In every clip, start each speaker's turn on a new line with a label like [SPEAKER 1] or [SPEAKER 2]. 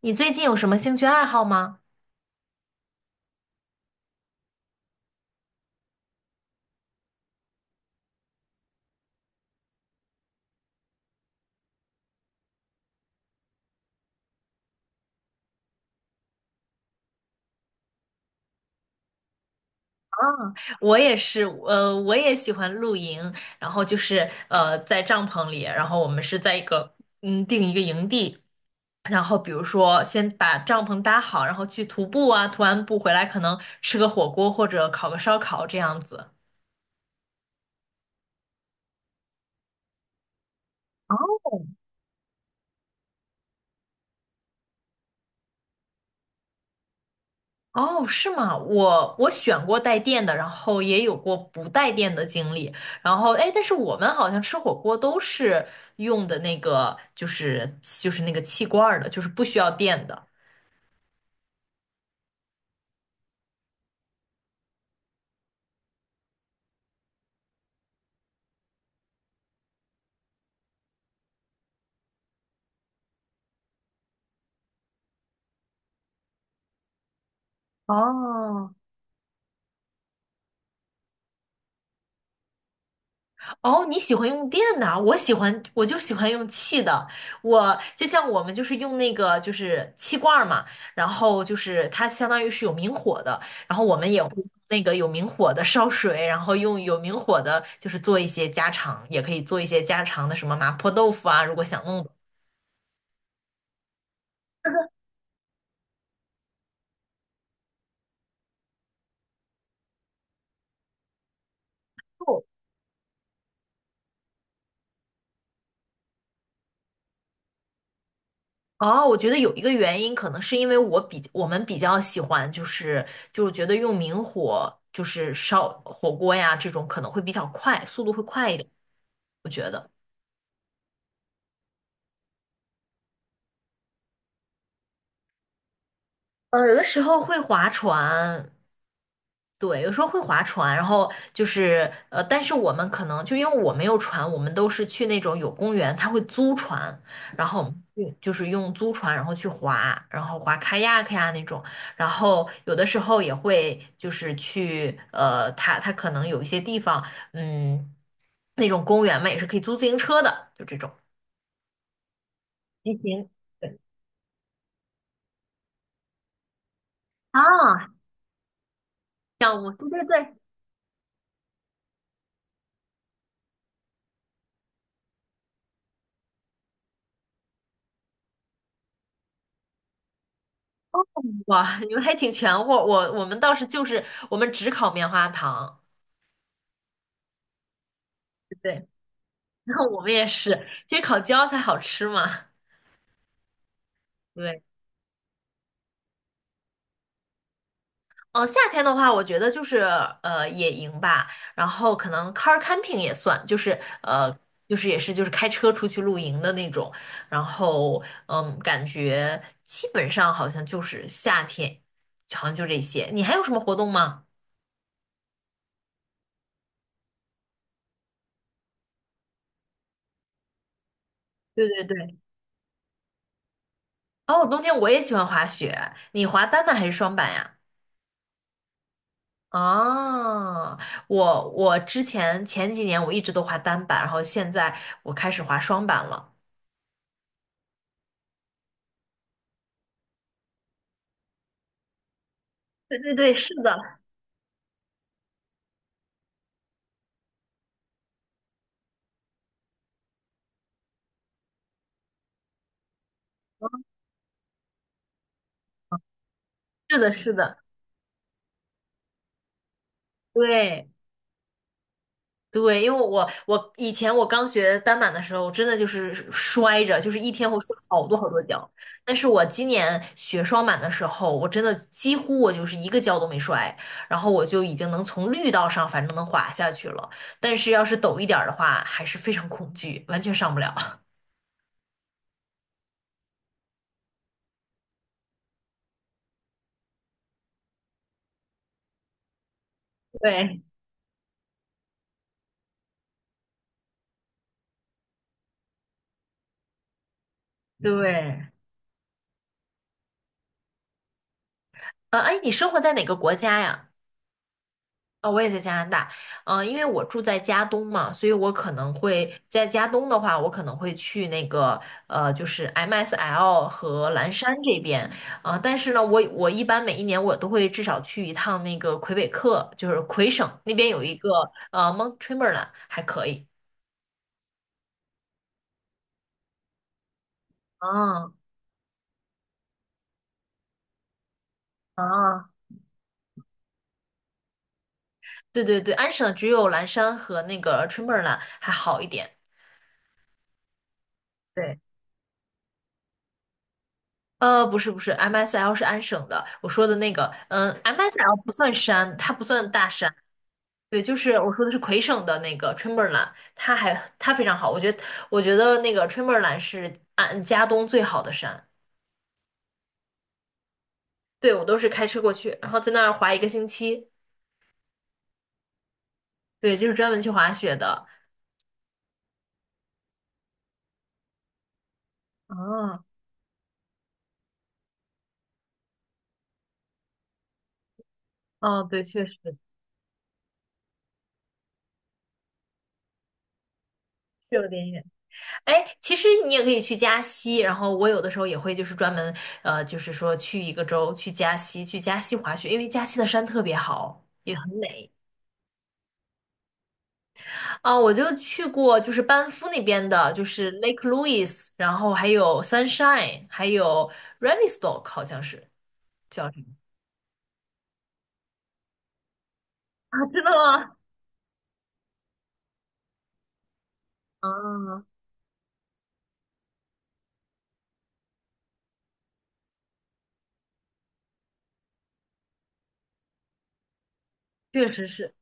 [SPEAKER 1] 你最近有什么兴趣爱好吗？啊，我也是，我也喜欢露营，然后就是在帐篷里，然后我们是在一个定一个营地，然后比如说先把帐篷搭好，然后去徒步啊，徒完步回来可能吃个火锅或者烤个烧烤这样子。哦，哦，是吗？我选过带电的，然后也有过不带电的经历。然后，哎，但是我们好像吃火锅都是用的那个，就是那个气罐儿的，就是不需要电的。哦，哦，你喜欢用电的啊，我喜欢，我就喜欢用气的。我就像我们就是用那个就是气罐儿嘛，然后就是它相当于是有明火的，然后我们也会用那个有明火的烧水，然后用有明火的，就是做一些家常，也可以做一些家常的什么麻婆豆腐啊，如果想弄的。哦，我觉得有一个原因，可能是因为我们比较喜欢，就是觉得用明火就是烧火锅呀，这种可能会比较快，速度会快一点，我觉得。有的时候会划船，对，有时候会划船，然后就是但是我们可能就因为我没有船，我们都是去那种有公园，他会租船，然后我们去就是用租船，然后去划，然后划 kayak 呀那种，然后有的时候也会就是去他可能有一些地方，嗯，那种公园嘛也是可以租自行车的，就这种骑行。对啊，项目，对对对，哇，你们还挺全乎，我们倒是就是我们只烤棉花糖，对，然后我们也是，其实烤焦才好吃嘛。对，嗯、夏天的话，我觉得就是野营吧，然后可能 car camping 也算，呃就是也是开车出去露营的那种，然后感觉基本上好像就是夏天，好像就这些。你还有什么活动吗？对对对。哦，冬天我也喜欢滑雪，你滑单板还是双板呀？哦，我之前前几年我一直都滑单板，然后现在我开始滑双板了。对对对，是的，是的，是的，对对，因为我以前我刚学单板的时候，真的就是摔着，就是一天会摔好多好多跤。但是我今年学双板的时候，我真的几乎我就是一个跤都没摔，然后我就已经能从绿道上反正能滑下去了。但是要是陡一点儿的话，还是非常恐惧，完全上不了。对对。哎，你生活在哪个国家呀？哦，我也在加拿大。因为我住在加东嘛，所以我可能会在加东的话，我可能会去那个就是 MSL 和蓝山这边。啊、但是呢，我一般每一年我都会至少去一趟那个魁北克，就是魁省那边有一个m o n t t r e m b l a n t 还可以。啊啊，对对对，安省只有蓝山和那个 t r e m b l a n t 还好一点。对。不是不是，MSL 是安省的，我说的那个，MSL 不算山，它不算大山，对，就是我说的是魁省的那个 Chamberlain，它非常好，我觉得那个 Chamberlain 是安加东最好的山，对，我都是开车过去，然后在那儿滑一个星期，对，就是专门去滑雪的。啊，哦，对，确实去了点远。哎，其实你也可以去加西，然后我有的时候也会就是专门就是说去一个州去加西，去加西滑雪，因为加西的山特别好，也很美。啊、我就去过就是班夫那边的，就是 Lake Louise，然后还有 Sunshine，还有 Revelstoke，好像是叫什么啊？真的吗？啊，确实是。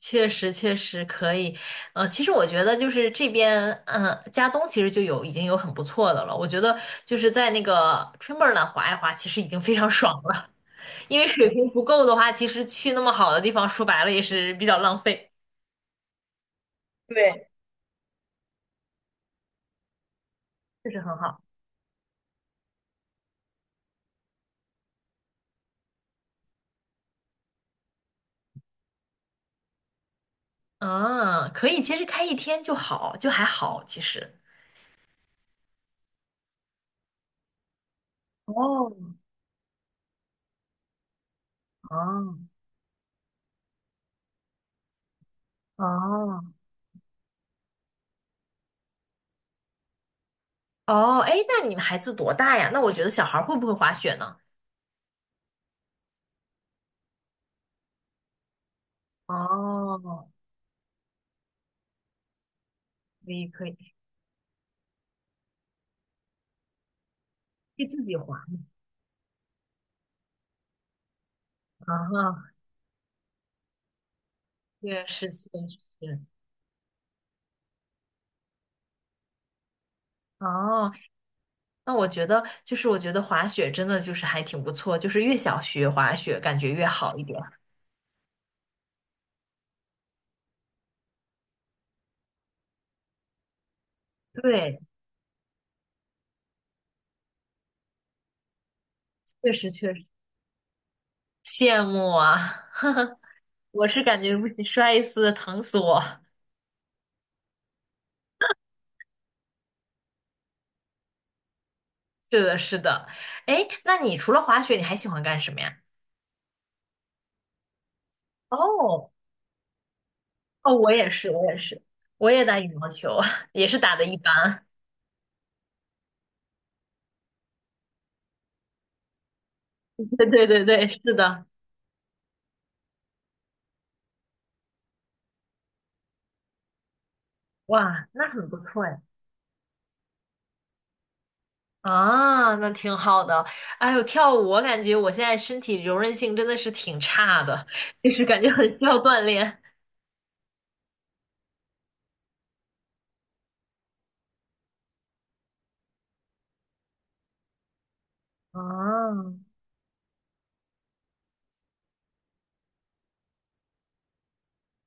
[SPEAKER 1] 确实，确实可以。其实我觉得就是这边，加东其实就有已经有很不错的了。我觉得就是在那个 t i m 滑一滑，其实已经非常 爽了。因为水平不够的话，其实去那么好的地方，说白了也是比较浪费。对，确实很好。嗯，可以，其实开一天就好，就还好，其实。哦，哦哦哦，哎，那你们孩子多大呀？那我觉得小孩儿会不会滑雪呢？哦，可以可以，可以自己滑。哦，确实确实。哦，那我觉得滑雪真的就是还挺不错，就是越想学滑雪感觉越好一点。对，确实确实羡慕啊！我是感觉不行，摔一次疼死我。是的，是的。哎，那你除了滑雪，你还喜欢干什么呀？哦，哦，我也是，我也是，我也打羽毛球，也是打的一般。对对对对，是的。哇，那很不错呀。啊，那挺好的。哎呦，跳舞我感觉我现在身体柔韧性真的是挺差的，就是感觉很需要锻炼。啊，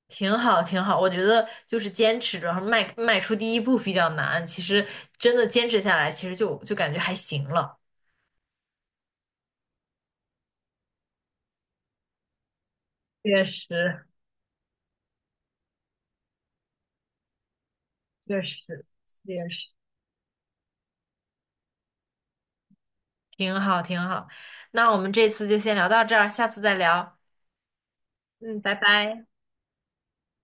[SPEAKER 1] 挺好，挺好。我觉得就是坚持着，然后迈出第一步比较难。其实真的坚持下来，其实就感觉还行了。确实，确实，确实。挺好，挺好。那我们这次就先聊到这儿，下次再聊。嗯，拜拜。